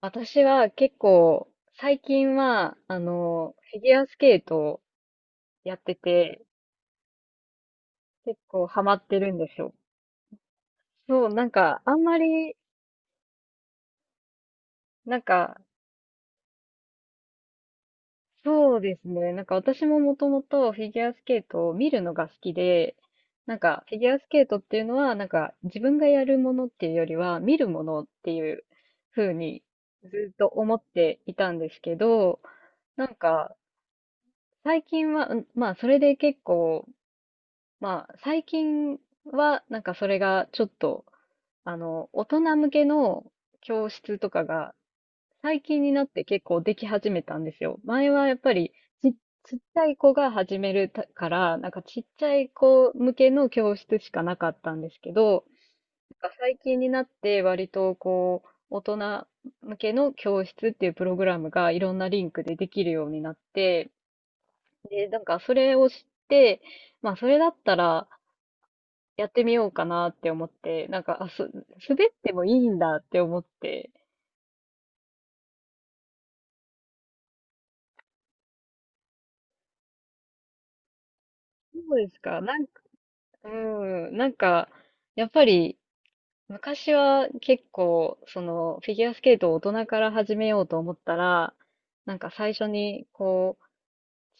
私は結構、最近は、フィギュアスケートをやってて、結構ハマってるんですよ。そう、なんか、あんまり、なんか、そうですね。なんか私ももともとフィギュアスケートを見るのが好きで、なんか、フィギュアスケートっていうのは、なんか、自分がやるものっていうよりは、見るものっていう風に、ずっと思っていたんですけど、なんか、最近は、うんまあ、それで結構、まあ、最近は、なんかそれがちょっと、大人向けの教室とかが、最近になって結構でき始めたんですよ。前はやっぱりち、ちっちゃい子が始めるたから、なんかちっちゃい子向けの教室しかなかったんですけど、なんか最近になって割とこう、大人向けの教室っていうプログラムがいろんなリンクでできるようになって、で、なんかそれを知って、まあそれだったら、やってみようかなって思って、なんか、あ、滑ってもいいんだって思って、そうですか。なんか、うん、なんか、やっぱり、昔は結構、その、フィギュアスケートを大人から始めようと思ったら、なんか最初に、こ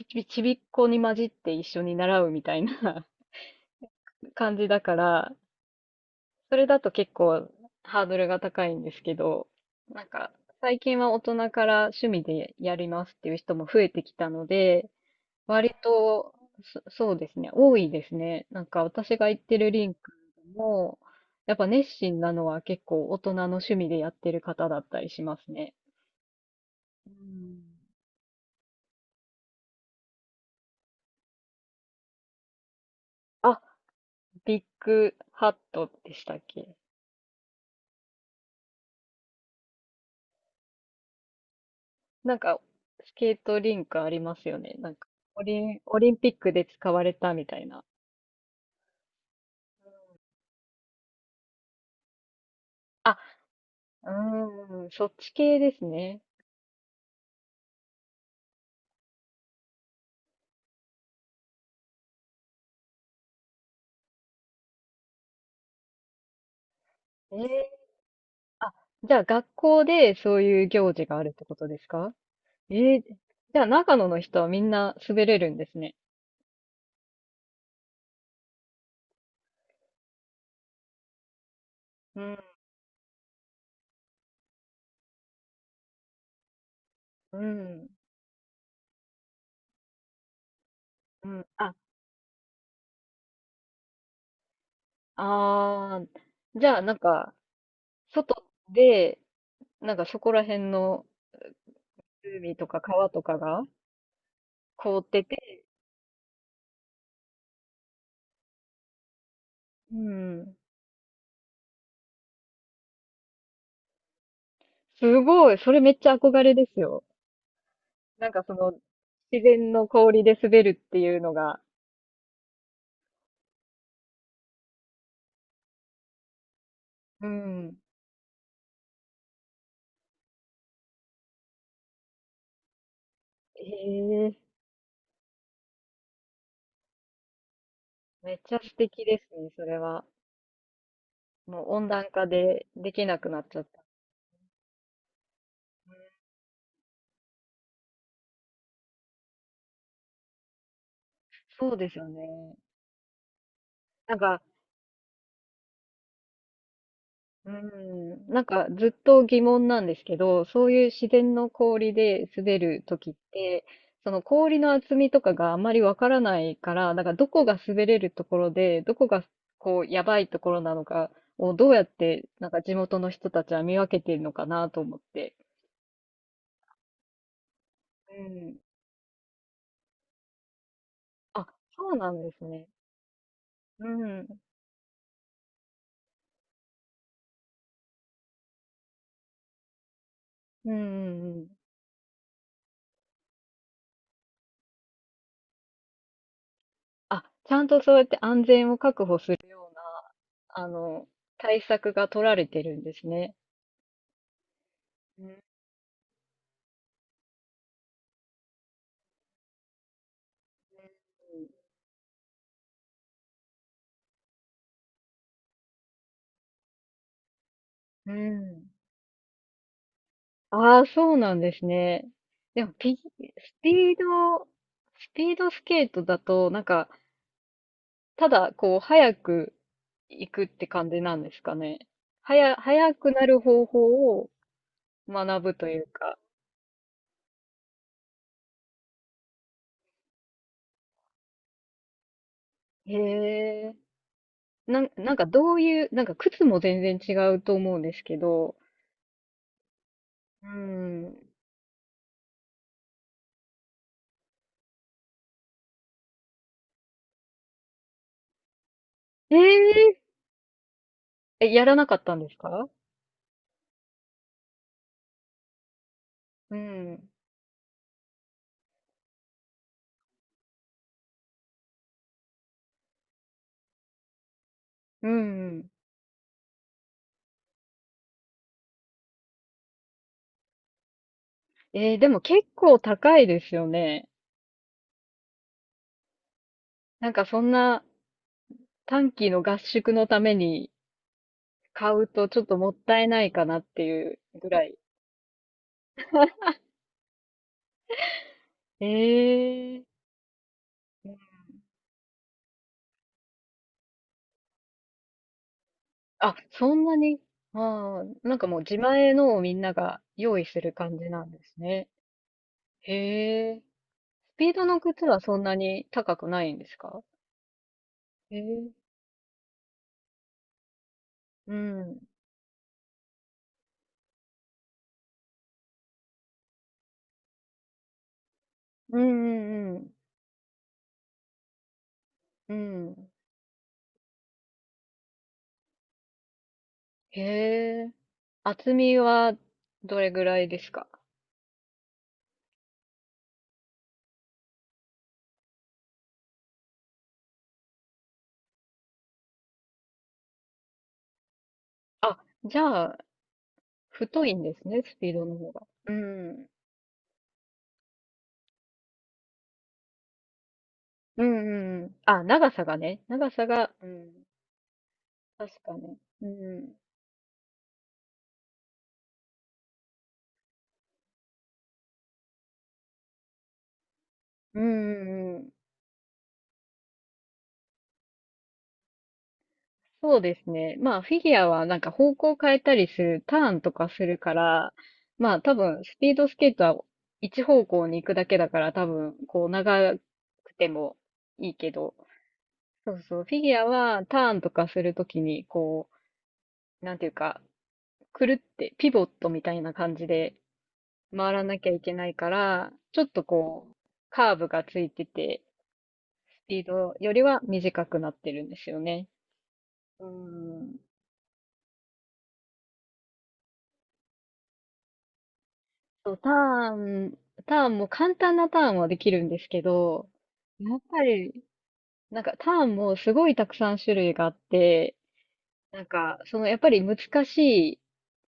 う、ちびっこに混じって一緒に習うみたいな 感じだから、それだと結構ハードルが高いんですけど、なんか、最近は大人から趣味でやりますっていう人も増えてきたので、割と、そうですね。多いですね。なんか私が行ってるリンクも、やっぱ熱心なのは結構大人の趣味でやってる方だったりしますね。うん。あ、ビッグハットでしたっけ？なんか、スケートリンクありますよね。なんか、オリンピックで使われたみたいな。あ、うーん、そっち系ですね。えー、あ、じゃあ学校でそういう行事があるってことですか？ええ、じゃあ長野の人はみんな滑れるんですね。うん、うん、うん。あ、あー、じゃあなんか、外で、なんかそこら辺の海とか川とかが凍ってて、うん。すごい、それめっちゃ憧れですよ。なんかその、自然の氷で滑るっていうのが。うん。ええ、めっちゃ素敵ですね、それは。もう温暖化でできなくなっちゃった。そうですよね。なんかうん、なんかずっと疑問なんですけど、そういう自然の氷で滑るときって、その氷の厚みとかがあまりわからないから、なんかどこが滑れるところで、どこがこうやばいところなのかをどうやってなんか地元の人たちは見分けてるのかなと思って。うん。あ、そうなんですね。うん。うんうんうん。あ、ちゃんとそうやって安全を確保するような、あの、対策が取られてるんですね。うん。ああ、そうなんですね。でも、ピ、スピード、スピードスケートだと、なんか、ただ、こう、速く行くって感じなんですかね。速くなる方法を学ぶというか。へえ。なんかどういう、なんか靴も全然違うと思うんですけど。うん。えええ、やらなかったんですか？うん。うんうん。えー、でも結構高いですよね。なんかそんな短期の合宿のために買うとちょっともったいないかなっていうぐらい。ええ。あ、そんなに。ああ、なんかもう自前のをみんなが用意する感じなんですね。へえ。スピードの靴はそんなに高くないんですか？へえ。うん。うんうんうん。うん。へえ。厚みはどれぐらいですか？あ、じゃあ、太いんですね、スピードの方が。うん。うんうんうん。あ、長さがね。長さが、うん。確かに。うん。うんうんうん。そうですね。まあ、フィギュアはなんか方向変えたりする、ターンとかするから、まあ多分、スピードスケートは一方向に行くだけだから多分、こう長くてもいいけど、そうそう、フィギュアはターンとかするときに、こう、なんていうか、くるってピボットみたいな感じで回らなきゃいけないから、ちょっとこう、カーブがついてて、スピードよりは短くなってるんですよね。うん。そう、ン、ターンも簡単なターンはできるんですけど、やっぱり、なんかターンもすごいたくさん種類があって、なんか、そのやっぱり難しい、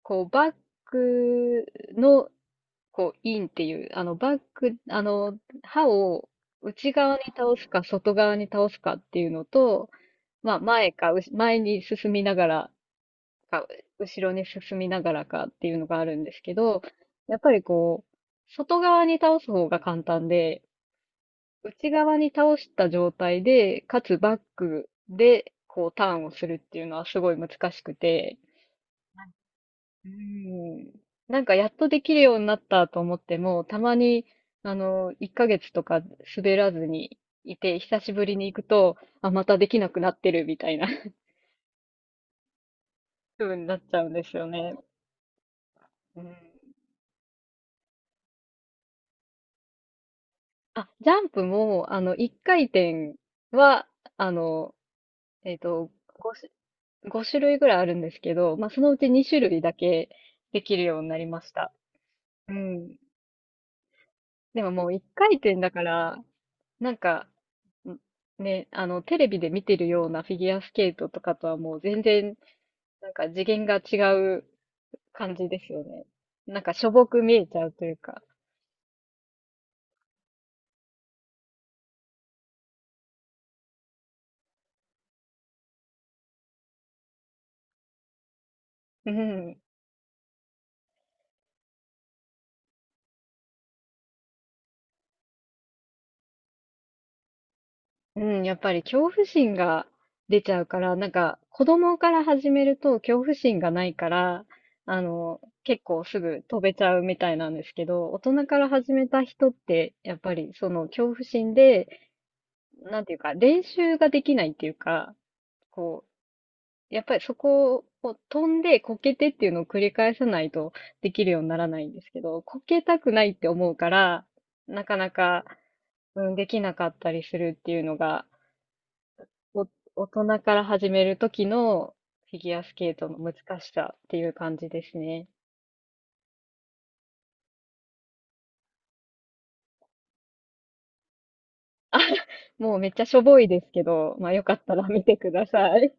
こう、バックの、こう、インっていう、バック、刃を内側に倒すか外側に倒すかっていうのと、まあ、前か、うし前に進みながらか、後ろに進みながらかっていうのがあるんですけど、やっぱりこう、外側に倒す方が簡単で、内側に倒した状態で、かつバックで、こう、ターンをするっていうのはすごい難しくて、うん。なんかやっとできるようになったと思っても、たまに、1ヶ月とか滑らずにいて、久しぶりに行くと、あ、またできなくなってるみたいな 風になっちゃうんですよね。うん。あ、ジャンプも、1回転は、あの、えっと、5し、ご種類ぐらいあるんですけど、まあ、そのうち2種類だけできるようになりました。うん。でももう1回転だから、なんか、んテレビで見てるようなフィギュアスケートとかとはもう全然、なんか次元が違う感じですよね。なんかしょぼく見えちゃうというか。うん。うん、やっぱり恐怖心が出ちゃうから、なんか子供から始めると恐怖心がないから、結構すぐ飛べちゃうみたいなんですけど、大人から始めた人って、やっぱりその恐怖心で、なんていうか、練習ができないっていうか、こう、やっぱりそこを飛んでこけてっていうのを繰り返さないとできるようにならないんですけど、こけたくないって思うから、なかなか、うん、できなかったりするっていうのがお大人から始める時のフィギュアスケートの難しさっていう感じですね。もうめっちゃしょぼいですけど、まあよかったら見てください。